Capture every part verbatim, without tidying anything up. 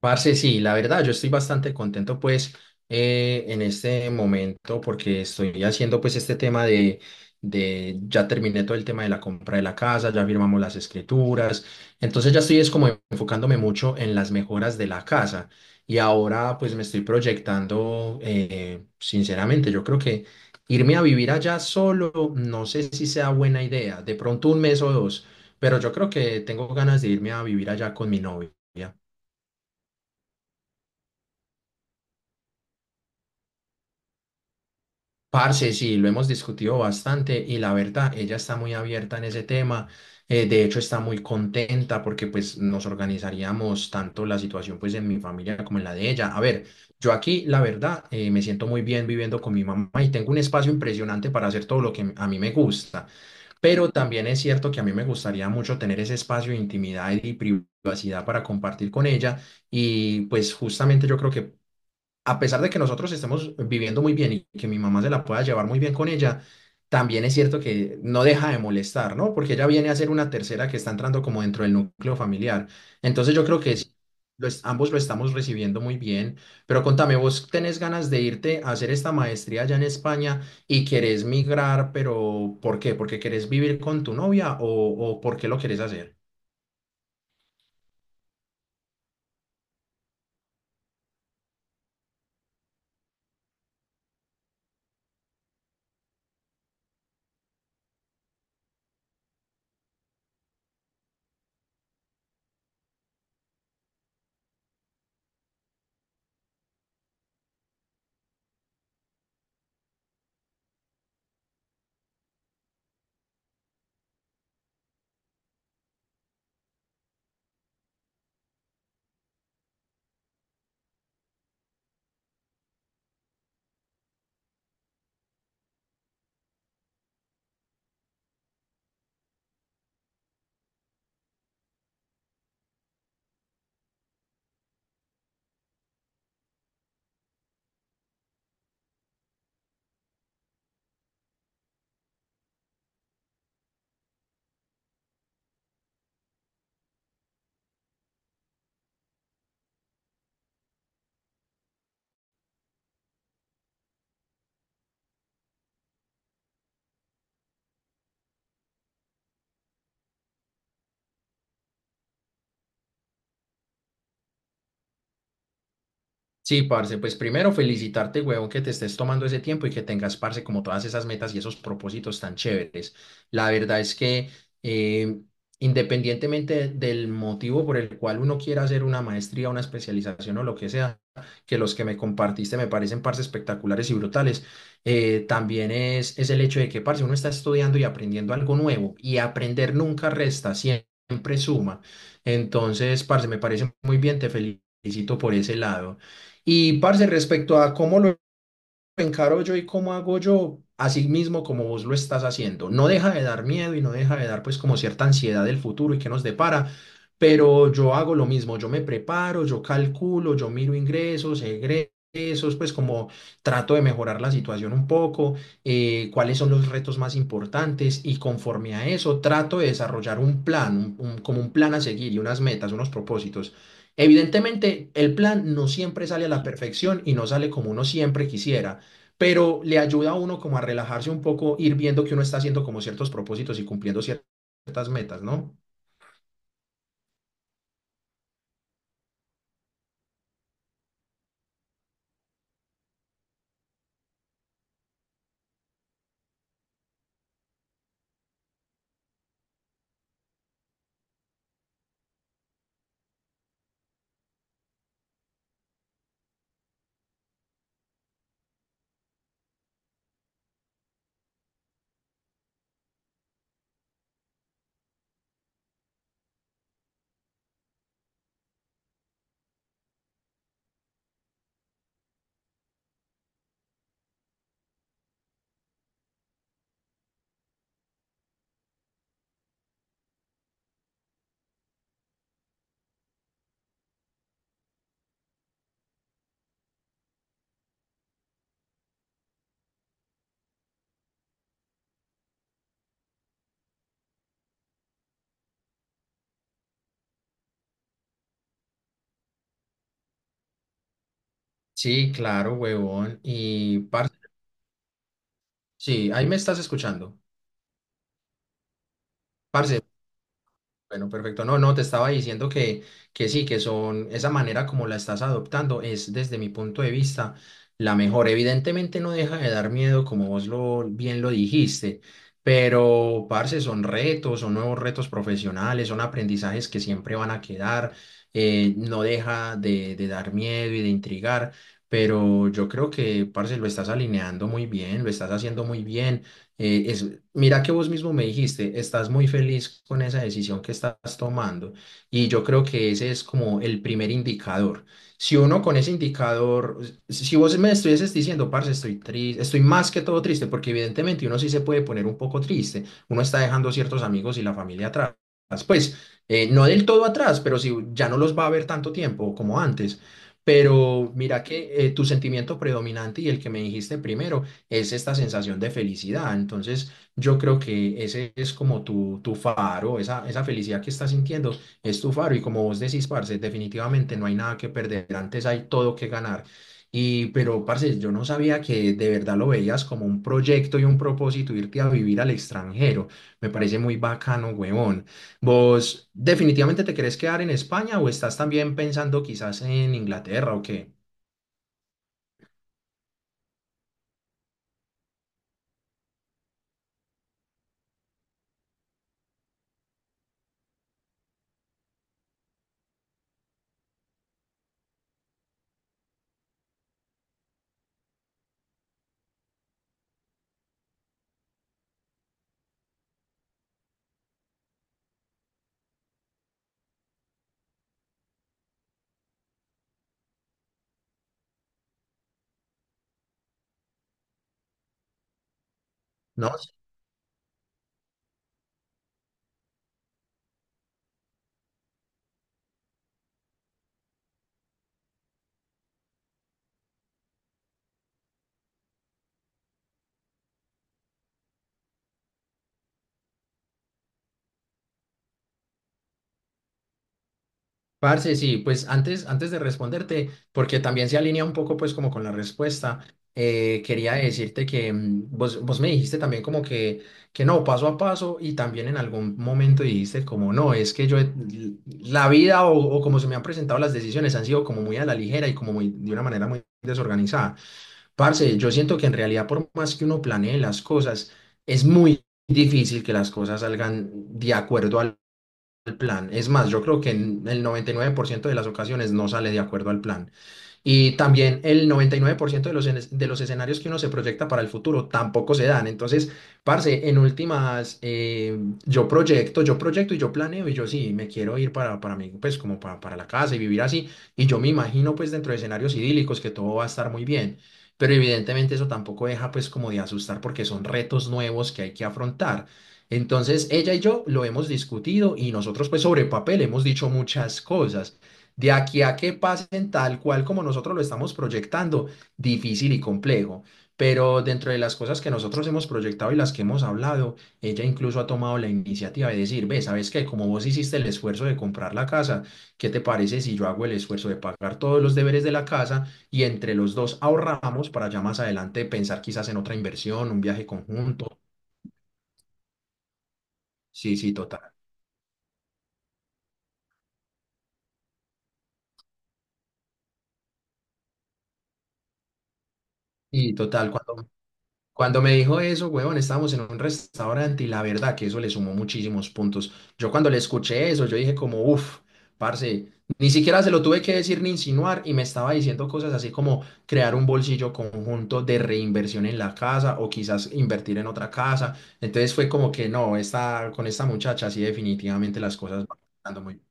Parce, sí, la verdad, yo estoy bastante contento pues eh, en este momento porque estoy haciendo pues este tema de, de, ya terminé todo el tema de la compra de la casa, ya firmamos las escrituras, entonces ya estoy es como enfocándome mucho en las mejoras de la casa y ahora pues me estoy proyectando, eh, sinceramente, yo creo que irme a vivir allá solo, no sé si sea buena idea, de pronto un mes o dos, pero yo creo que tengo ganas de irme a vivir allá con mi novia. Parce, sí, lo hemos discutido bastante y la verdad, ella está muy abierta en ese tema. Eh, de hecho, está muy contenta porque pues nos organizaríamos tanto la situación pues en mi familia como en la de ella. A ver, yo aquí, la verdad, eh, me siento muy bien viviendo con mi mamá y tengo un espacio impresionante para hacer todo lo que a mí me gusta. Pero también es cierto que a mí me gustaría mucho tener ese espacio de intimidad y privacidad para compartir con ella. Y pues justamente yo creo que a pesar de que nosotros estemos viviendo muy bien y que mi mamá se la pueda llevar muy bien con ella, también es cierto que no deja de molestar, ¿no? Porque ella viene a ser una tercera que está entrando como dentro del núcleo familiar. Entonces yo creo que sí, lo es- ambos lo estamos recibiendo muy bien. Pero contame, ¿vos tenés ganas de irte a hacer esta maestría allá en España y querés migrar, pero ¿por qué? ¿Porque querés vivir con tu novia o, o por qué lo querés hacer? Sí, parce, pues primero felicitarte, huevón, que te estés tomando ese tiempo y que tengas, parce, como todas esas metas y esos propósitos tan chéveres. La verdad es que eh, independientemente del motivo por el cual uno quiera hacer una maestría, una especialización o lo que sea, que los que me compartiste me parecen, parce, espectaculares y brutales, eh, también es, es el hecho de que, parce, uno está estudiando y aprendiendo algo nuevo y aprender nunca resta, siempre suma. Entonces, parce, me parece muy bien, te felicito por ese lado. Y, parce, respecto a cómo lo encaro yo y cómo hago yo, así mismo como vos lo estás haciendo. No deja de dar miedo y no deja de dar pues como cierta ansiedad del futuro y qué nos depara, pero yo hago lo mismo, yo me preparo, yo calculo, yo miro ingresos, egresos, pues como trato de mejorar la situación un poco, eh, cuáles son los retos más importantes y conforme a eso trato de desarrollar un plan, un- un- como un plan a seguir y unas metas, unos propósitos. Evidentemente, el plan no siempre sale a la perfección y no sale como uno siempre quisiera, pero le ayuda a uno como a relajarse un poco, ir viendo que uno está haciendo como ciertos propósitos y cumpliendo ciertas metas, ¿no? Sí, claro, huevón. Y, parce, sí, ahí me estás escuchando. Parce, bueno, perfecto. No, no, te estaba diciendo que, que sí, que son, esa manera como la estás adoptando es desde mi punto de vista la mejor. Evidentemente no deja de dar miedo, como vos lo, bien lo dijiste, pero, parce, son retos, son nuevos retos profesionales, son aprendizajes que siempre van a quedar. Eh, no deja de, de dar miedo y de intrigar, pero yo creo que, parce, lo estás alineando muy bien, lo estás haciendo muy bien. eh, es, Mira que vos mismo me dijiste, estás muy feliz con esa decisión que estás tomando y yo creo que ese es como el primer indicador. Si uno con ese indicador, si vos me estuvieses diciendo, parce, estoy triste, estoy más que todo triste, porque evidentemente uno sí se puede poner un poco triste, uno está dejando ciertos amigos y la familia atrás, pues eh, no del todo atrás, pero si ya no los va a ver tanto tiempo como antes. Pero mira que eh, tu sentimiento predominante y el que me dijiste primero es esta sensación de felicidad. Entonces, yo creo que ese es como tu, tu faro, esa, esa felicidad que estás sintiendo es tu faro. Y como vos decís, parce, definitivamente no hay nada que perder, antes hay todo que ganar. Y, pero, parce, yo no sabía que de verdad lo veías como un proyecto y un propósito irte a vivir al extranjero. Me parece muy bacano, huevón. ¿Vos definitivamente te querés quedar en España o estás también pensando quizás en Inglaterra o qué? No, parce, sí, pues antes, antes de responderte, porque también se alinea un poco pues como con la respuesta, eh, quería decirte que mm, vos, vos me dijiste también como que, que no, paso a paso y también en algún momento dijiste como no, es que yo, he- la vida o, o como se me han presentado las decisiones han sido como muy a la ligera y como muy de una manera muy desorganizada. Parce, yo siento que en realidad por más que uno planee las cosas, es muy difícil que las cosas salgan de acuerdo al plan. Es más, yo creo que en el noventa y nueve por ciento de las ocasiones no sale de acuerdo al plan. Y también el noventa y nueve por ciento de los, enes- de los escenarios que uno se proyecta para el futuro tampoco se dan. Entonces, parce, en últimas, eh, yo proyecto, yo proyecto y yo planeo y yo sí, me quiero ir para, para mí, pues como para, para la casa y vivir así. Y yo me imagino pues dentro de escenarios idílicos que todo va a estar muy bien. Pero evidentemente eso tampoco deja pues como de asustar porque son retos nuevos que hay que afrontar. Entonces, ella y yo lo hemos discutido y nosotros pues sobre papel hemos dicho muchas cosas de aquí a que pasen tal cual como nosotros lo estamos proyectando, difícil y complejo. Pero dentro de las cosas que nosotros hemos proyectado y las que hemos hablado, ella incluso ha tomado la iniciativa de decir, ve, ¿sabes qué? Como vos hiciste el esfuerzo de comprar la casa, ¿qué te parece si yo hago el esfuerzo de pagar todos los deberes de la casa y entre los dos ahorramos para ya más adelante pensar quizás en otra inversión, un viaje conjunto? Sí, sí, total. Y total, cuando cuando me dijo eso, huevón, estábamos en un restaurante y la verdad que eso le sumó muchísimos puntos. Yo cuando le escuché eso, yo dije como, uff, parce, ni siquiera se lo tuve que decir ni insinuar y me estaba diciendo cosas así como crear un bolsillo conjunto de reinversión en la casa o quizás invertir en otra casa. Entonces fue como que no, esta, con esta muchacha sí definitivamente las cosas van andando muy bien.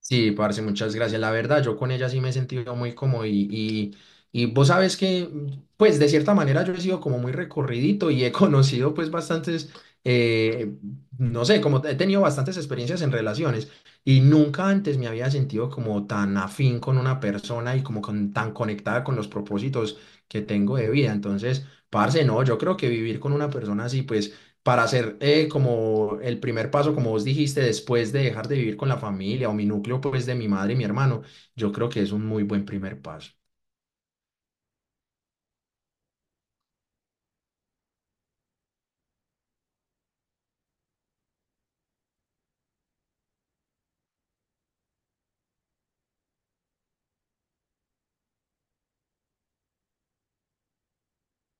Sí, parce, muchas gracias. La verdad, yo con ella sí me he sentido muy cómodo y, y, y vos sabes que, pues de cierta manera yo he sido como muy recorridito y he conocido pues bastantes, eh, no sé, como he tenido bastantes experiencias en relaciones y nunca antes me había sentido como tan afín con una persona y como con- tan conectada con los propósitos que tengo de vida. Entonces, parce, no, yo creo que vivir con una persona así, pues para hacer eh, como el primer paso, como vos dijiste, después de dejar de vivir con la familia o mi núcleo, pues de mi madre y mi hermano, yo creo que es un muy buen primer paso.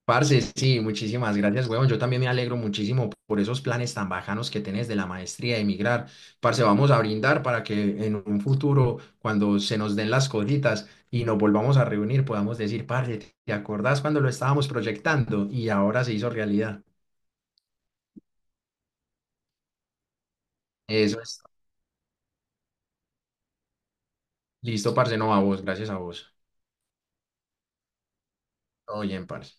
Parce, sí, muchísimas gracias, huevón. Yo también me alegro muchísimo por esos planes tan bajanos que tenés de la maestría de emigrar. Parce, vamos a brindar para que en un futuro, cuando se nos den las cositas y nos volvamos a reunir, podamos decir, parce, ¿te acordás cuando lo estábamos proyectando y ahora se hizo realidad? Eso es. Listo, parce, no a vos, gracias a vos. Todo bien, parce.